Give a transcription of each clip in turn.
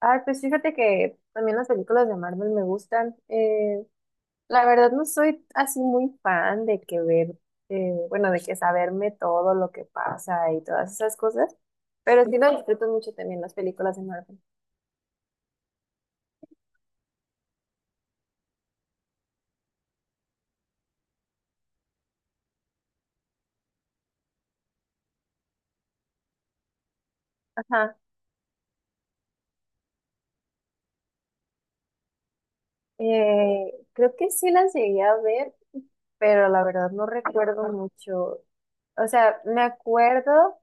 Ay, pues fíjate que también las películas de Marvel me gustan. La verdad no soy así muy fan de que ver, bueno, de que saberme todo lo que pasa y todas esas cosas, pero sí lo disfruto mucho también las películas de Marvel. Ajá. Creo que sí las llegué a ver, pero la verdad no recuerdo mucho. O sea, me acuerdo,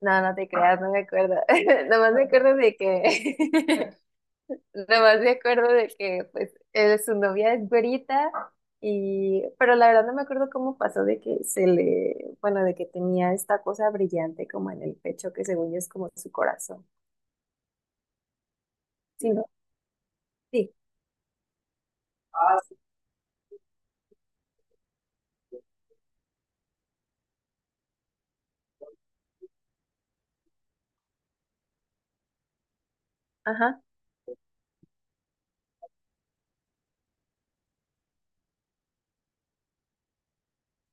no te creas, no me acuerdo. Nada más me acuerdo de que nada más me acuerdo de que pues su novia es güerita y pero la verdad no me acuerdo cómo pasó de que se le, bueno, de que tenía esta cosa brillante como en el pecho que según yo es como su corazón. Sí, no, sí. Ajá,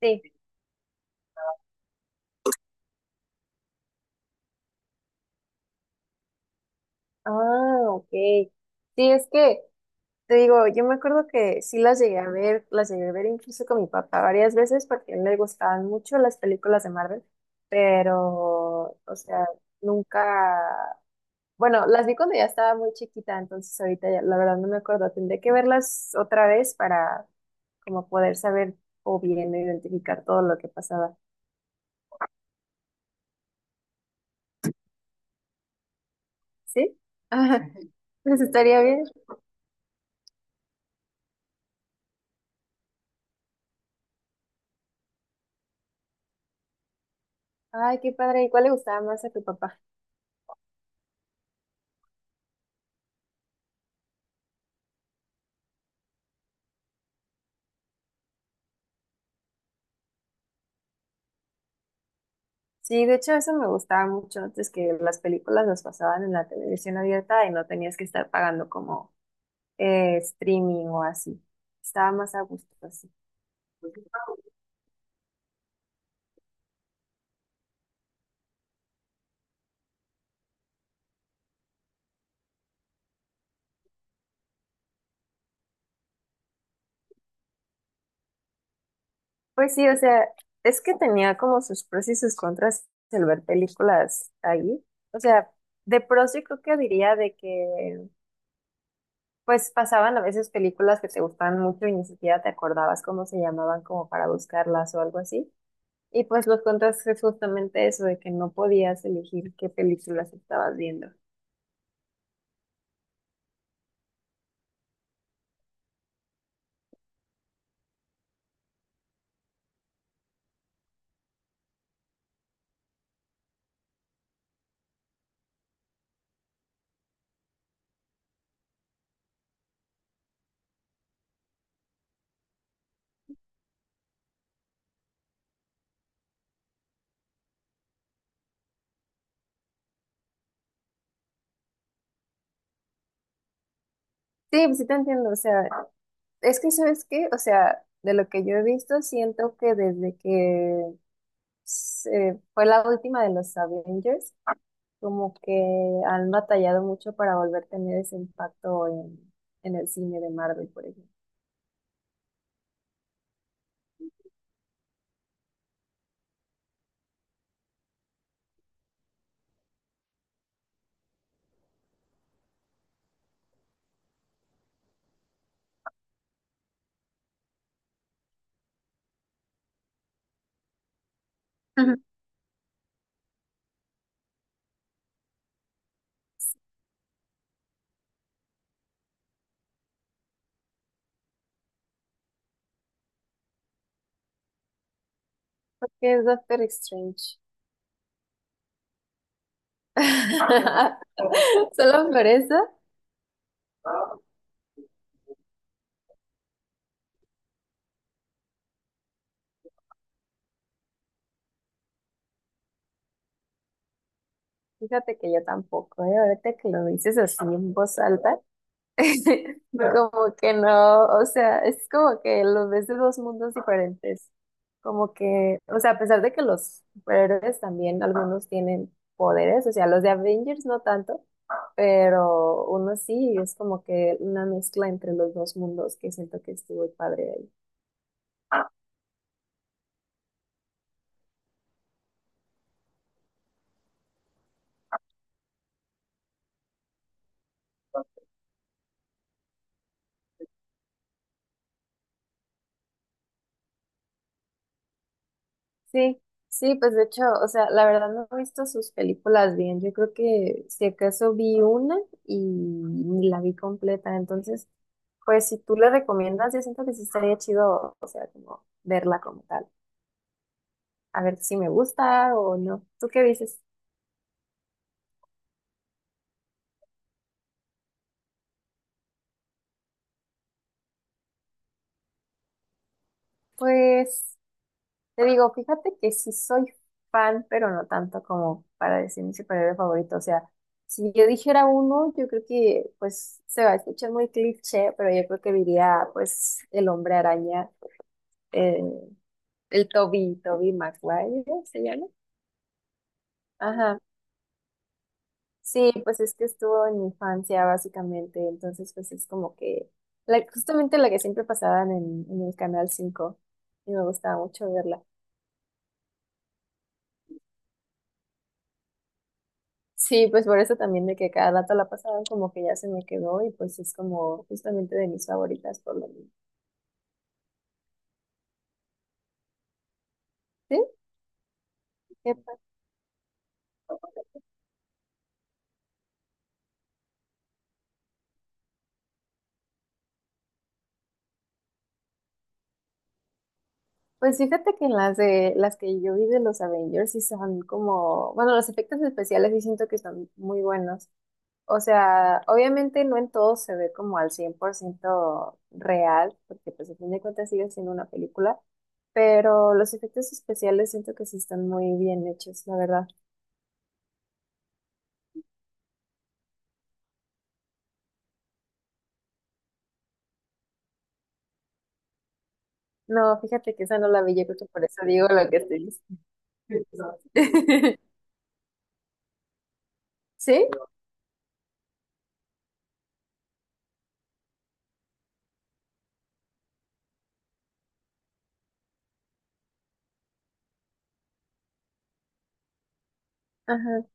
sí. Ah, ok. Sí, es que te digo, yo me acuerdo que sí las llegué a ver, las llegué a ver incluso con mi papá varias veces porque a él le gustaban mucho las películas de Marvel, pero, o sea, nunca. Bueno, las vi cuando ya estaba muy chiquita, entonces ahorita ya, la verdad no me acuerdo. Tendré que verlas otra vez para como poder saber o bien identificar todo lo que pasaba. ¿Sí? Ajá. Pues estaría bien. Ay, qué padre. ¿Y cuál le gustaba más a tu papá? Sí, de hecho eso me gustaba mucho antes que las películas las pasaban en la televisión abierta y no tenías que estar pagando como streaming o así. Estaba más a gusto así. Pues sí, o sea, es que tenía como sus pros y sus contras el ver películas ahí. O sea, de pros yo creo que diría de que pues pasaban a veces películas que te gustaban mucho y ni siquiera te acordabas cómo se llamaban como para buscarlas o algo así. Y pues los contras es justamente eso de que no podías elegir qué películas estabas viendo. Sí, pues sí te entiendo, o sea, es que ¿sabes qué? O sea, de lo que yo he visto siento que desde que fue la última de los Avengers como que han batallado mucho para volver a tener ese impacto en el cine de Marvel, por ejemplo. Porque es Doctor Strange. Solo por eso, fíjate que yo tampoco, ¿eh? Ahorita que lo dices así en voz alta, como que no, o sea, es como que lo ves de dos mundos diferentes. Como que, o sea, a pesar de que los superhéroes también algunos tienen poderes, o sea, los de Avengers no tanto, pero uno sí, es como que una mezcla entre los dos mundos que siento que estuvo padre ahí. Sí, sí, pues de hecho, o sea, la verdad no he visto sus películas bien, yo creo que si acaso vi una y ni la vi completa, entonces, pues si tú le recomiendas, yo siento que sí estaría chido, o sea, como verla como tal, a ver si me gusta o no. ¿Tú qué dices? Pues te digo, fíjate que sí soy fan, pero no tanto como para decir mi superhéroe favorito. O sea, si yo dijera uno, yo creo que pues se va a escuchar muy cliché, pero yo creo que diría pues el hombre araña, eh, el Toby, Toby Maguire, ¿se llama? Ajá. Sí, pues es que estuvo en mi infancia básicamente, entonces pues es como que la, justamente la que siempre pasaban en el Canal 5 y me gustaba mucho verla. Sí, pues por eso también de que cada dato la pasaban como que ya se me quedó y pues es como justamente de mis favoritas por lo mismo. Sí, qué padre. Pues fíjate que en las de las que yo vi de los Avengers sí son como, bueno, los efectos especiales sí siento que son muy buenos. O sea, obviamente no en todo se ve como al 100% real, porque pues a fin de cuentas sigue siendo una película, pero los efectos especiales siento que sí están muy bien hechos, la verdad. No, fíjate que esa no la vi, yo creo que por eso digo lo que estoy ¿Sí? Ajá.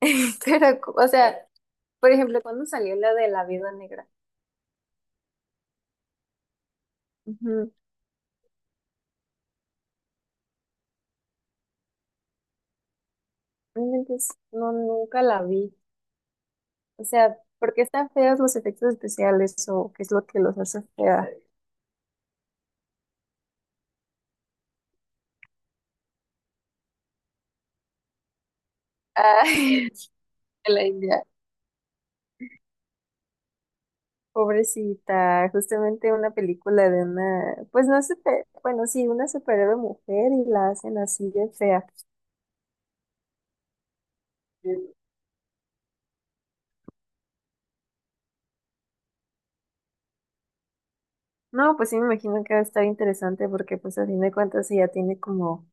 Pero, o sea, por ejemplo, ¿cuando salió la de la vida negra? Ujú. Realmente no, nunca la vi. O sea, ¿por qué están feos los efectos especiales o qué es lo que los hace fea? Ay, de la India. Pobrecita, justamente una película de una, pues no sé, bueno, sí, una superhéroe mujer y la hacen así de fea. No, pues sí me imagino que va a estar interesante porque pues a fin de cuentas ella tiene como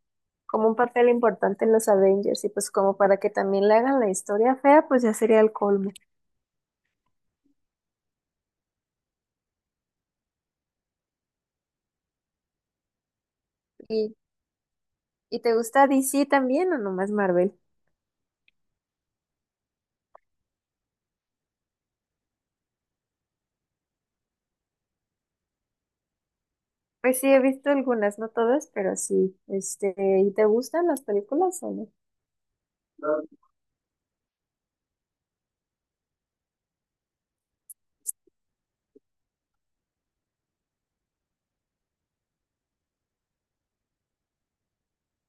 como un papel importante en los Avengers y pues como para que también le hagan la historia fea, pues ya sería el colmo. ¿Y, y te gusta DC también o nomás Marvel? Pues sí, he visto algunas, no todas, pero sí. Este, ¿y te gustan las películas o no?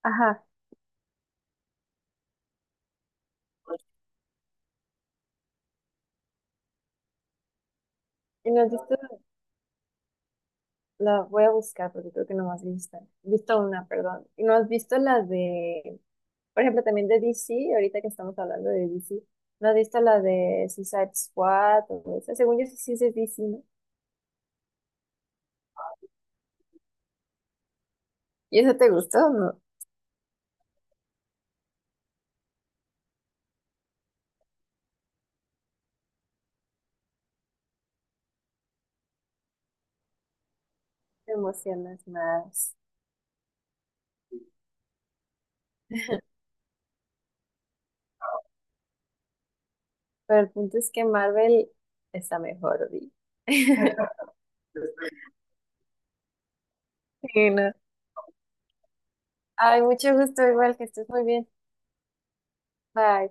Ajá. ¿Y no has visto, la voy a buscar porque creo que no has visto, una, perdón. ¿Y no has visto las de, por ejemplo, también de DC, ahorita que estamos hablando de DC, ¿no has visto la de Suicide Squad o esa? Según yo sí, sí es de DC, ¿no? ¿Y esa te gustó o no? Te emocionas más. Pero el punto es que Marvel está mejor, vi. Sí, no. Ay, mucho gusto, igual que estés muy bien. Bye.